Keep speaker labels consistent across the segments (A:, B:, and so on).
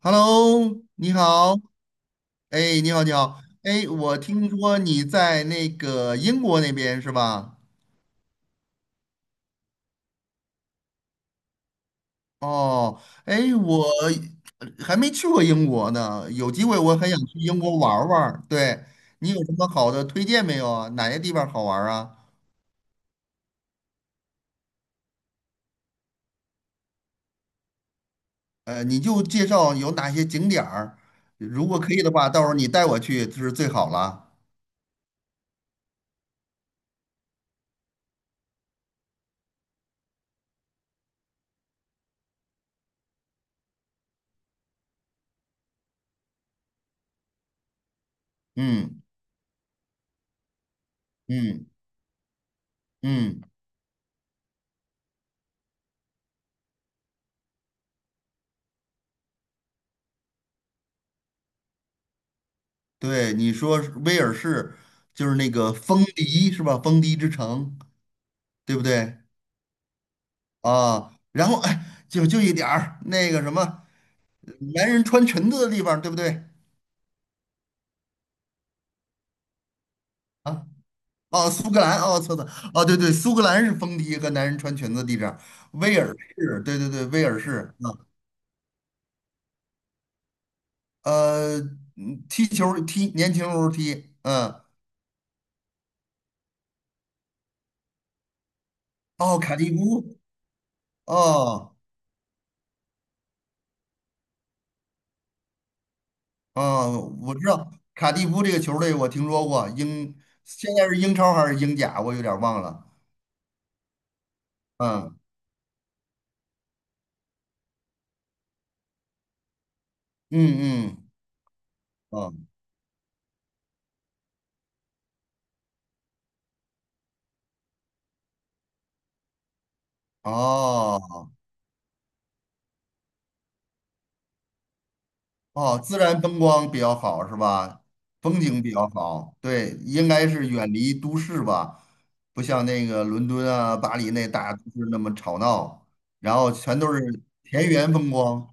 A: Hello，你好，哎，你好，你好，哎，我听说你在那个英国那边是吧？哦，哎，我还没去过英国呢，有机会我很想去英国玩儿玩儿。对，你有什么好的推荐没有啊？哪些地方好玩儿啊？你就介绍有哪些景点儿，如果可以的话，到时候你带我去就是最好了。嗯。嗯。嗯。对，你说是威尔士就是那个风笛是吧？风笛之城。对不对啊？然后哎，就一点儿那个什么，男人穿裙子的地方，对不对啊？哦，苏格兰，哦，错的。哦，对对，苏格兰是风笛和男人穿裙子的地方，威尔士，对对对，威尔士啊。呃，嗯，踢球儿踢，年轻时候踢。嗯。哦，卡蒂夫。哦。哦，我知道卡蒂夫这个球队，我听说过。英现在是英超还是英甲，我有点儿忘了。嗯。嗯。嗯。哦。哦。哦，自然风光比较好是吧？风景比较好，对，应该是远离都市吧，不像那个伦敦啊、巴黎那大都市那么吵闹，然后全都是田园风光。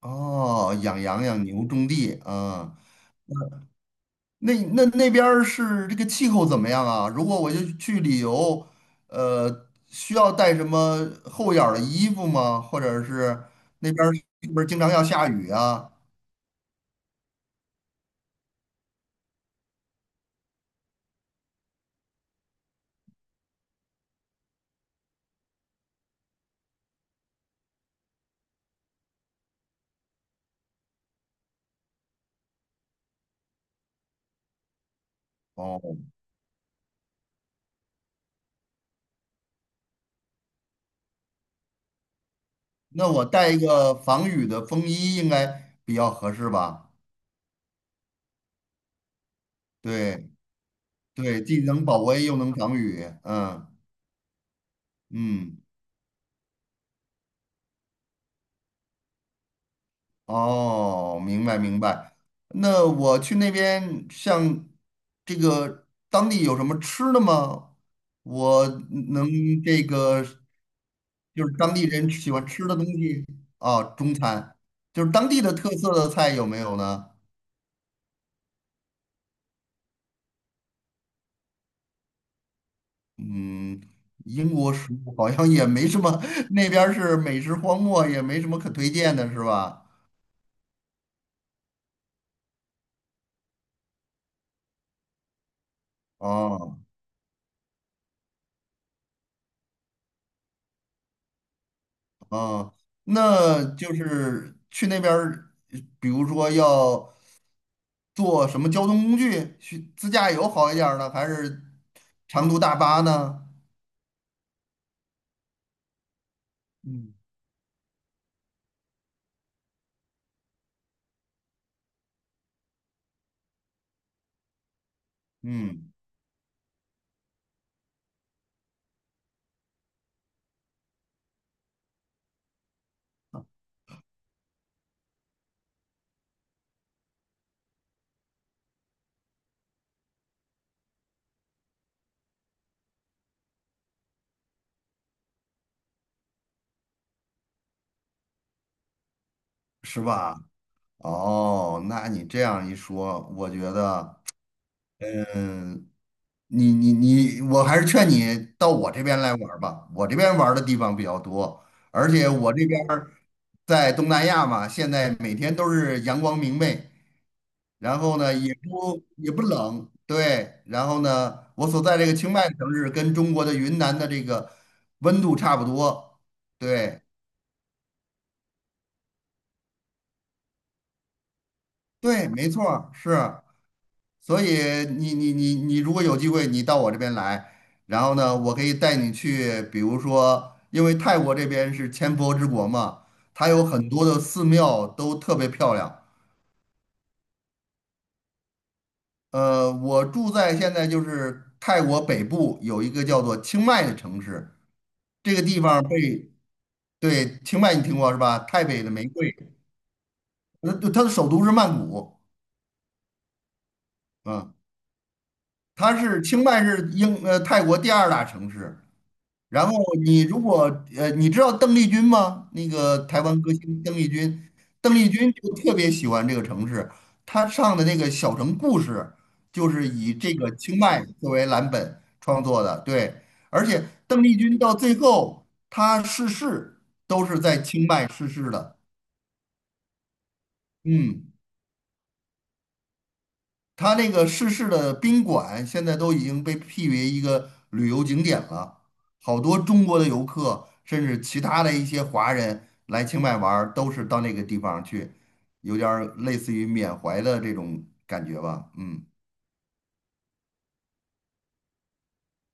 A: 哦，养羊养牛种地啊。那那那边儿是这个气候怎么样啊？如果我就去旅游，需要带什么厚点儿的衣服吗？或者是那边儿是不是经常要下雨啊？哦。那我带一个防雨的风衣应该比较合适吧？对对，既能保温又能防雨。嗯。嗯，哦，明白明白。那我去那边，像这个当地有什么吃的吗？我能这个就是当地人喜欢吃的东西啊。中餐，就是当地的特色的菜有没有呢？嗯，英国食物好像也没什么，那边儿是美食荒漠，也没什么可推荐的，是吧？哦。哦，那就是去那边儿比如说要坐什么交通工具，去自驾游好一点儿呢，还是长途大巴呢？嗯。嗯。是吧？哦，那你这样一说，我觉得。嗯。你你你，我还是劝你到我这边来玩儿吧，我这边玩儿的地方比较多，而且我这边儿在东南亚嘛，现在每天都是阳光明媚，然后呢也不冷，对，然后呢，我所在这个清迈城市跟中国的云南的这个温度差不多。对对，没错儿是。所以你如果有机会，你到我这边来，然后呢，我可以带你去，比如说，因为泰国这边是千佛之国嘛，它有很多的寺庙都特别漂亮。呃，我住在现在就是泰国北部有一个叫做清迈的城市，这个地方被，对，清迈你听过是吧？泰北的玫瑰。呃，它的首都是曼谷。嗯，它是清迈是英泰国第二大城市。然后你如果你知道邓丽君吗？那个台湾歌星邓丽君，邓丽君就特别喜欢这个城市，她唱的那个《小城故事》就是以这个清迈作为蓝本创作的，对。而且邓丽君到最后她逝世都是在清迈逝世的。嗯。它那个逝世的宾馆现在都已经被辟为一个旅游景点了，好多中国的游客，甚至其他的一些华人来清迈玩儿，都是到那个地方去，有点儿类似于缅怀的这种感觉吧。嗯。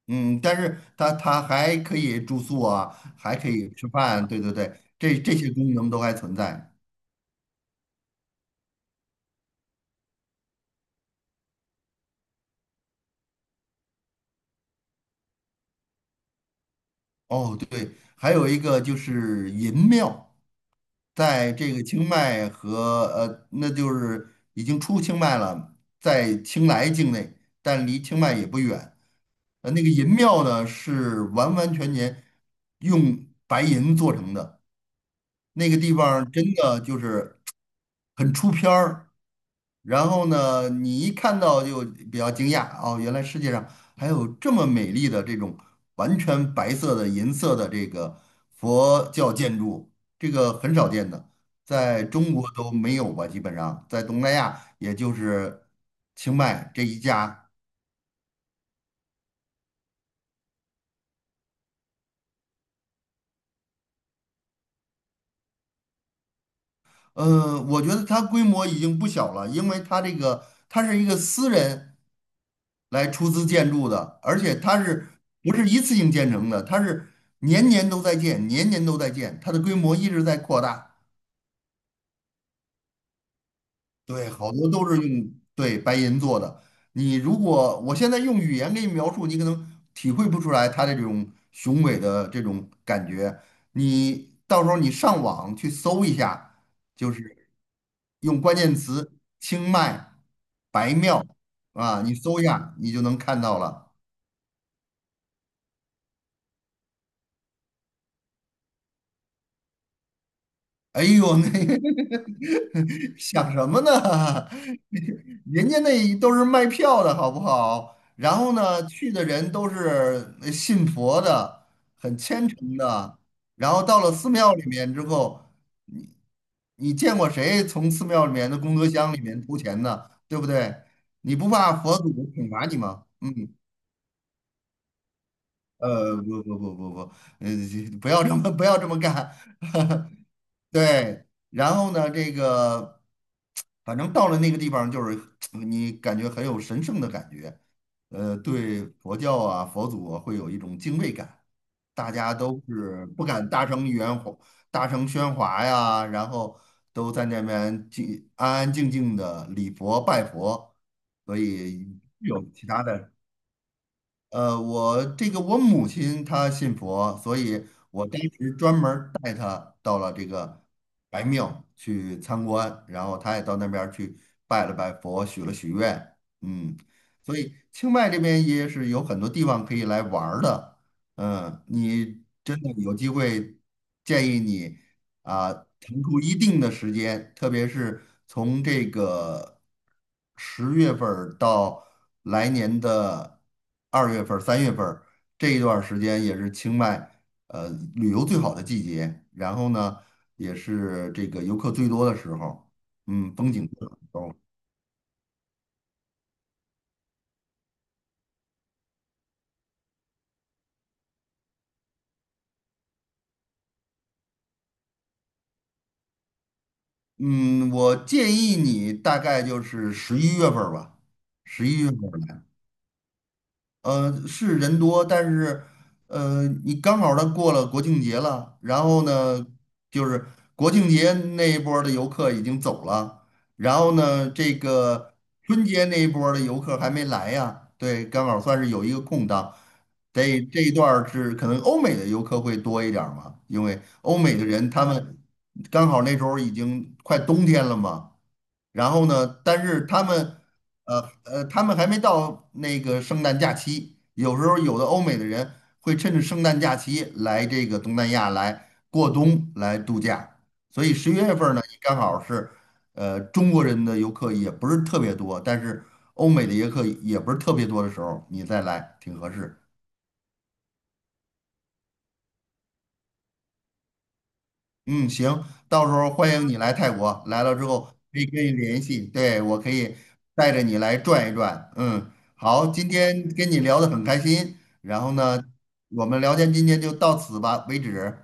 A: 嗯，但是它还可以住宿啊，还可以吃饭，对对对，这些功能都还存在。哦，对，还有一个就是银庙，在这个清迈和，那就是已经出清迈了，在清莱境内，但离清迈也不远。呃，那个银庙呢是完完全全用白银做成的，那个地方真的就是很出片儿，然后呢，你一看到就比较惊讶。哦，原来世界上还有这么美丽的这种完全白色的银色的这个佛教建筑，这个很少见的，在中国都没有吧，基本上在东南亚也就是清迈这一家。呃，我觉得它规模已经不小了，因为它这个它是一个私人。来出资建筑的，而且它是不是一次性建成的？它是年年都在建，年年都在建，它的规模一直在扩大。对，好多都是用对白银做的。你如果我现在用语言给你描述，你可能体会不出来它的这种雄伟的这种感觉。你到时候你上网去搜一下，就是用关键词“清迈白庙”啊，你搜一下，你就能看到了。哎呦，那 想什么呢？人家那都是卖票的好不好？然后呢，去的人都是信佛的，很虔诚的。然后到了寺庙里面之后，你你见过谁从寺庙里面的功德箱里面偷钱的，对不对？你不怕佛祖惩罚你吗？嗯，呃，不不不不不，呃，不要这么不要这么干，对，然后呢，这个，反正到了那个地方，就是你感觉很有神圣的感觉，呃，对佛教啊、佛祖啊，会有一种敬畏感，大家都是不敢大声喧哗、大声喧哗呀，然后都在那边静安安静静的礼佛拜佛，所以有其他的。我这个我母亲她信佛，所以我当时专门儿带她到了这个白庙去参观，然后她也到那边儿去拜了拜佛，许了许愿。嗯，所以清迈这边也是有很多地方可以来玩儿的。嗯，你真的有机会，建议你。啊，腾出一定的时间，特别是从这个10月份儿到来年的2月份儿、3月份儿这一段儿时间，也是清迈呃旅游最好的季节。然后呢，也是这个游客最多的时候。嗯，风景最好。嗯，我建议你大概就是十一月份儿吧，十一月份。呃，是人多，但是，你刚好他过了国庆节了，然后呢，就是国庆节那一波儿的游客已经走了，然后呢，这个春节那一波儿的游客还没来呀，对，刚好算是有一个空档。得这一段儿是可能欧美的游客会多一点儿嘛，因为欧美的人他们刚好那时候已经快冬天了嘛，然后呢，但是他们，他们还没到那个圣诞假期，有时候有的欧美的人会趁着圣诞假期来这个东南亚来过冬来度假，所以十一月份儿呢，也刚好是，中国人的游客也不是特别多，但是欧美的游客也不是特别多的时候，你再来挺合适。嗯，行，到时候欢迎你来泰国，来了之后可以跟你联系，对，我可以带着你来转一转。嗯，好，今天跟你聊得很开心，然后呢，我们聊天今天就到此吧为止。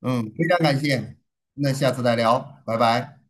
A: 嗯，非常感谢，那下次再聊，拜拜。